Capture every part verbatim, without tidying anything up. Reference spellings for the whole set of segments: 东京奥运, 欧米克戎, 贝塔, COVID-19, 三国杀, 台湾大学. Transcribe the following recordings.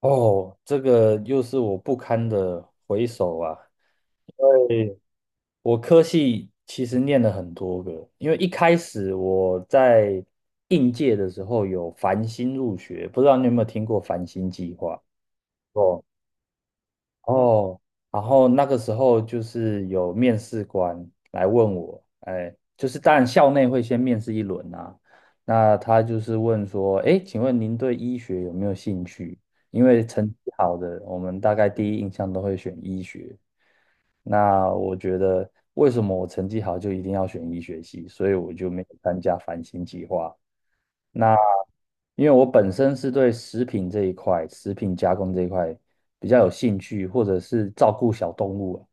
哦，这个又是我不堪的回首啊。因为我科系其实念了很多个，因为一开始我在应届的时候有繁星入学，不知道你有没有听过繁星计划？哦。哦，然后那个时候就是有面试官来问我，哎，就是当然校内会先面试一轮啊，那他就是问说，哎，请问您对医学有没有兴趣？因为成绩好的，我们大概第一印象都会选医学。那我觉得为什么我成绩好就一定要选医学系，所以我就没有参加繁星计划。那因为我本身是对食品这一块、食品加工这一块比较有兴趣，或者是照顾小动物啊，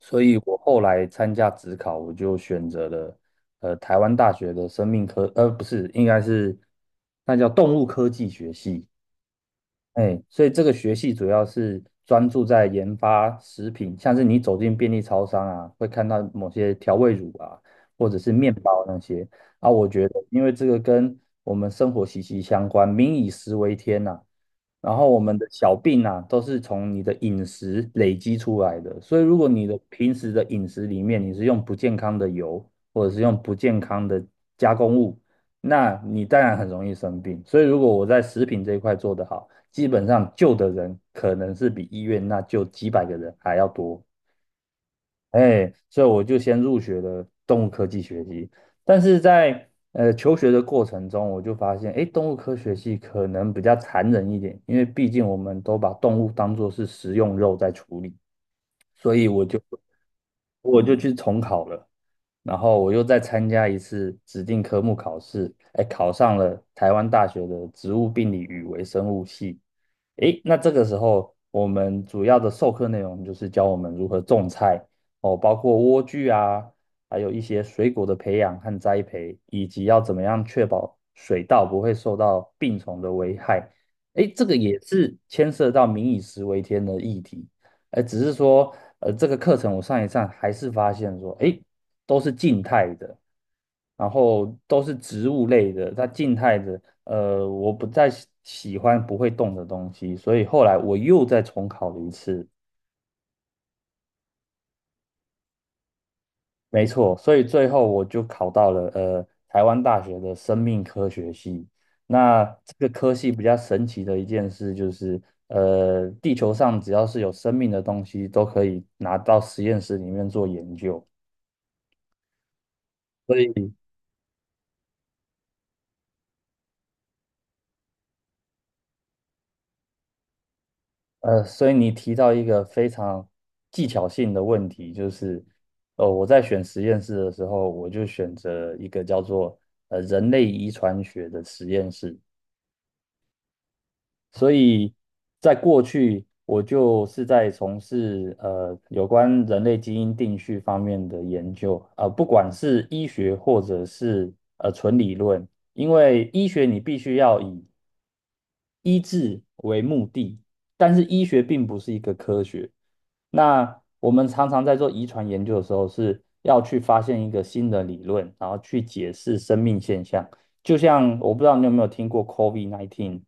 所以我后来参加职考，我就选择了呃台湾大学的生命科，呃不是，应该是那叫动物科技学系。哎，所以这个学系主要是专注在研发食品，像是你走进便利超商啊，会看到某些调味乳啊，或者是面包那些啊。我觉得，因为这个跟我们生活息息相关，民以食为天呐、然后我们的小病啊，都是从你的饮食累积出来的。所以，如果你的平时的饮食里面你是用不健康的油，或者是用不健康的加工物，那你当然很容易生病。所以如果我在食品这一块做得好，基本上救的人可能是比医院那救几百个人还要多。哎，所以我就先入学了动物科技学系，但是在呃求学的过程中，我就发现，哎，动物科学系可能比较残忍一点，因为毕竟我们都把动物当作是食用肉在处理。所以我就我就去重考了，然后我又再参加一次指定科目考试，哎，考上了台湾大学的植物病理与微生物系。诶，那这个时候我们主要的授课内容就是教我们如何种菜哦，包括莴苣啊，还有一些水果的培养和栽培，以及要怎么样确保水稻不会受到病虫的危害。诶，这个也是牵涉到"民以食为天"的议题。呃，只是说，呃，这个课程我上一上还是发现说，诶，都是静态的，然后都是植物类的，它静态的，呃，我不再喜喜欢不会动的东西，所以后来我又再重考了一次。没错，所以最后我就考到了呃台湾大学的生命科学系。那这个科系比较神奇的一件事就是，呃，地球上只要是有生命的东西，都可以拿到实验室里面做研究。所以。呃，所以你提到一个非常技巧性的问题，就是，呃，我在选实验室的时候，我就选择一个叫做呃人类遗传学的实验室。所以在过去，我就是在从事呃有关人类基因定序方面的研究，呃，不管是医学或者是呃纯理论，因为医学你必须要以医治为目的，但是医学并不是一个科学。那我们常常在做遗传研究的时候，是要去发现一个新的理论，然后去解释生命现象。就像我不知道你有没有听过 COVID 十九。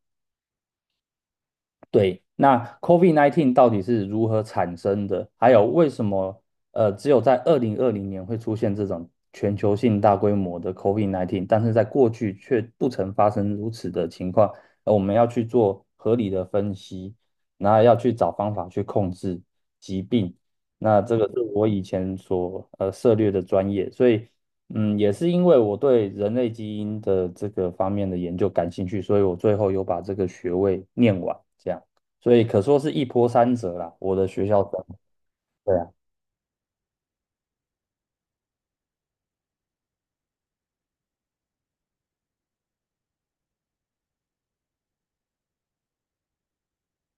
对，那 COVID 十九 到底是如何产生的？还有为什么呃，只有在二零二零年会出现这种全球性大规模的 COVID 十九，但是在过去却不曾发生如此的情况？呃，我们要去做合理的分析，然后要去找方法去控制疾病。那这个是我以前所呃涉猎的专业，所以嗯，也是因为我对人类基因的这个方面的研究感兴趣，所以我最后有把这个学位念完。这样。所以可说是一波三折啦。我的学校生，对啊，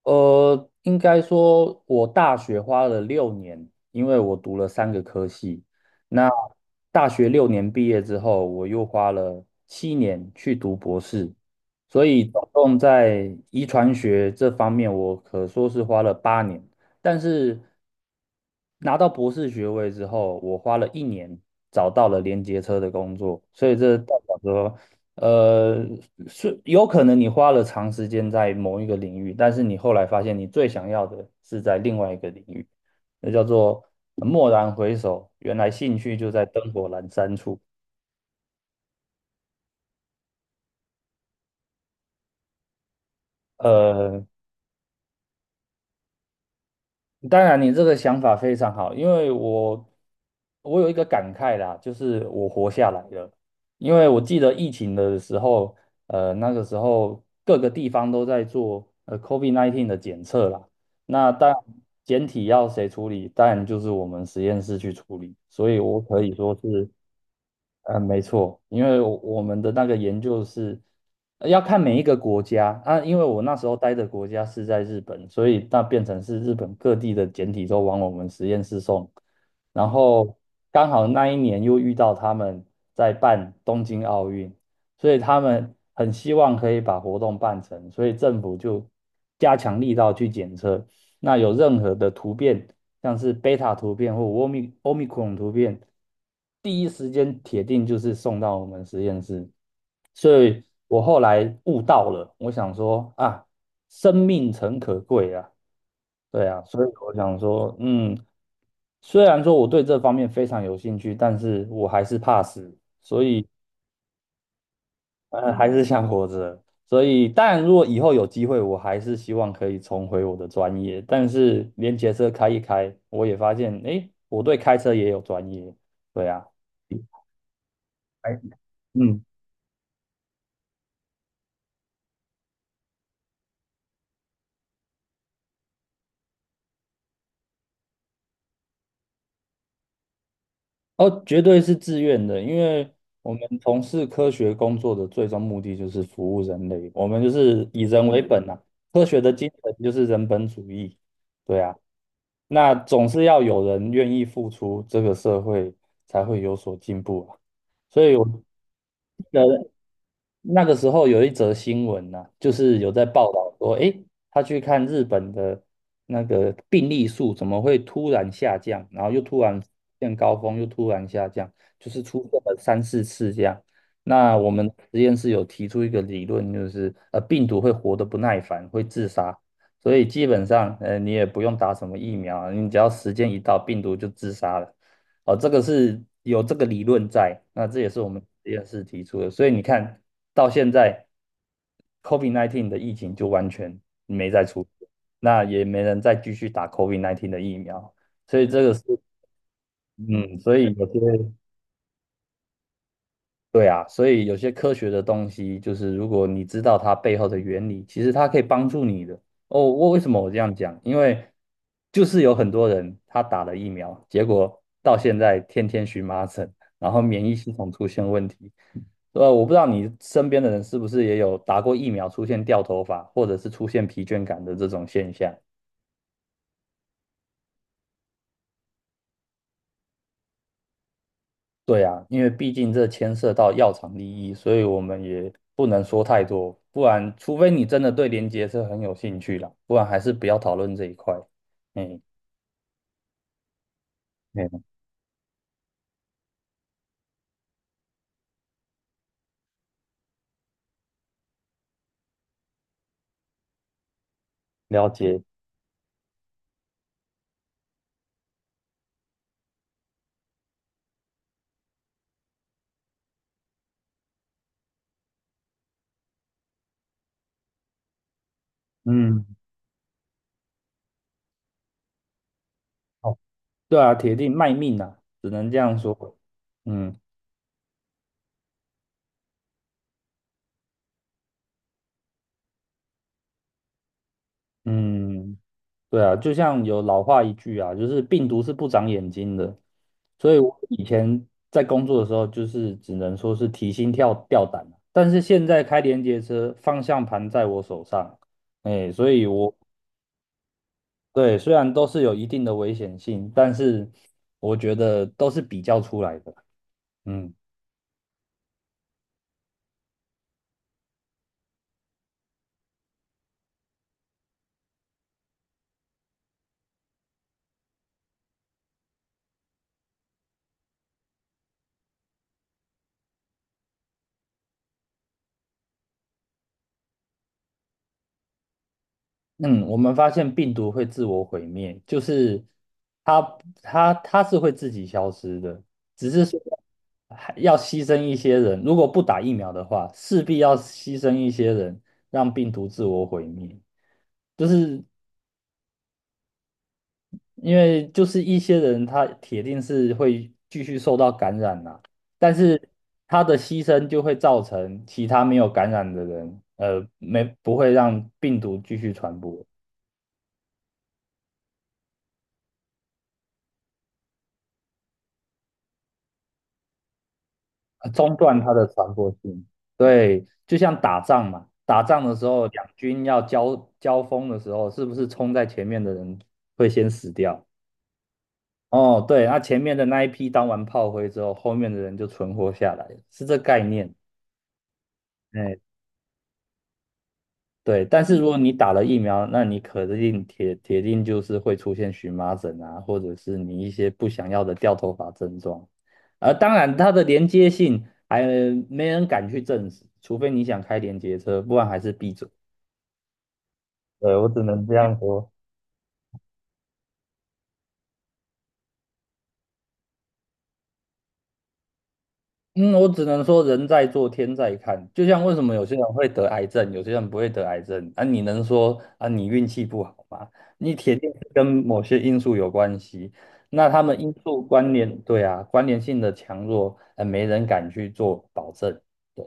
呃，应该说我大学花了六年，因为我读了三个科系。那大学六年毕业之后，我又花了七年去读博士，所以总共在遗传学这方面，我可说是花了八年。但是拿到博士学位之后，我花了一年找到了连接车的工作，所以这代表说呃，是有可能你花了长时间在某一个领域，但是你后来发现你最想要的是在另外一个领域，那叫做蓦然回首，原来兴趣就在灯火阑珊处。呃，当然，你这个想法非常好，因为我我有一个感慨啦，就是我活下来了。因为我记得疫情的时候，呃，那个时候各个地方都在做呃 COVID 十九 的检测啦。那当然，检体要谁处理，当然就是我们实验室去处理。所以我可以说是嗯，没错，因为我我们的那个研究是呃要看每一个国家啊，因为我那时候待的国家是在日本，所以那变成是日本各地的简体都往我们实验室送，然后刚好那一年又遇到他们在办东京奥运，所以他们很希望可以把活动办成，所以政府就加强力道去检测，那有任何的突变。像是贝塔图片或欧米欧米克戎突变，第一时间铁定就是送到我们实验室。所以我后来悟到了，我想说啊，生命诚可贵啊，对啊，所以我想说，嗯，虽然说我对这方面非常有兴趣，但是我还是怕死，所以呃，还是想活着。所以，当然，如果以后有机会，我还是希望可以重回我的专业。但是，连结车开一开，我也发现，诶，我对开车也有专业。对啊，哎，嗯，哦，绝对是自愿的，因为我们从事科学工作的最终目的就是服务人类，我们就是以人为本啊。科学的精神就是人本主义。对啊，那总是要有人愿意付出，这个社会才会有所进步啊。所以我，那个时候有一则新闻呢，就是有在报道说，诶，他去看日本的那个病例数怎么会突然下降，然后又突然见高峰，又突然下降，就是出现了三四次这样。那我们实验室有提出一个理论，就是呃，病毒会活得不耐烦，会自杀，所以基本上呃，你也不用打什么疫苗啊，你只要时间一到，病毒就自杀了。哦，这个是有这个理论在，那这也是我们实验室提出的，所以你看到现在，COVID 十九 的疫情就完全没再出现，那也没人再继续打 COVID 十九 的疫苗，所以这个是，嗯，所以有些对啊，所以有些科学的东西，就是如果你知道它背后的原理，其实它可以帮助你的。哦，我为什么我这样讲？因为就是有很多人他打了疫苗，结果到现在天天荨麻疹，然后免疫系统出现问题。呃，我不知道你身边的人是不是也有打过疫苗出现掉头发，或者是出现疲倦感的这种现象。对啊，因为毕竟这牵涉到药厂利益，所以我们也不能说太多，不然除非你真的对连接是很有兴趣啦，不然还是不要讨论这一块。哎，哎，了解，嗯，哦，对啊，铁定卖命啊，只能这样说。嗯。嗯，对啊，就像有老话一句啊，就是病毒是不长眼睛的，所以我以前在工作的时候，就是只能说是提心跳吊胆啊，但是现在开连接车，方向盘在我手上，哎，所以我对虽然都是有一定的危险性，但是我觉得都是比较出来的，嗯。嗯，我们发现病毒会自我毁灭，就是它它它是会自己消失的，只是说还要牺牲一些人，如果不打疫苗的话，势必要牺牲一些人，让病毒自我毁灭。就是因为就是一些人他铁定是会继续受到感染啦、但是他的牺牲就会造成其他没有感染的人，呃，没不会让病毒继续传播。呃中断它的传播性。对，就像打仗嘛，打仗的时候，两军要交交锋的时候，是不是冲在前面的人会先死掉？哦，对，那前面的那一批当完炮灰之后，后面的人就存活下来，是这概念。哎。对，但是如果你打了疫苗，那你肯定铁铁定就是会出现荨麻疹啊，或者是你一些不想要的掉头发症状。而当然，它的连接性还没人敢去证实，除非你想开连接车，不然还是闭嘴。对，我只能这样说。嗯，我只能说人在做天在看，就像为什么有些人会得癌症，有些人不会得癌症啊？你能说啊你运气不好吗？你铁定是跟某些因素有关系，那他们因素关联，对啊，关联性的强弱，呃，没人敢去做保证。对，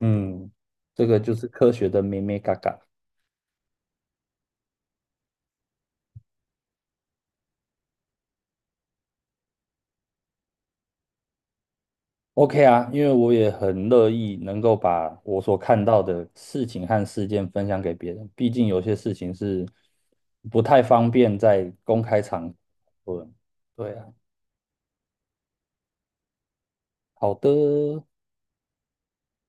嗯，这个就是科学的咩咩嘎嘎。OK 啊，因为我也很乐意能够把我所看到的事情和事件分享给别人，毕竟有些事情是不太方便在公开场合。对啊，好的。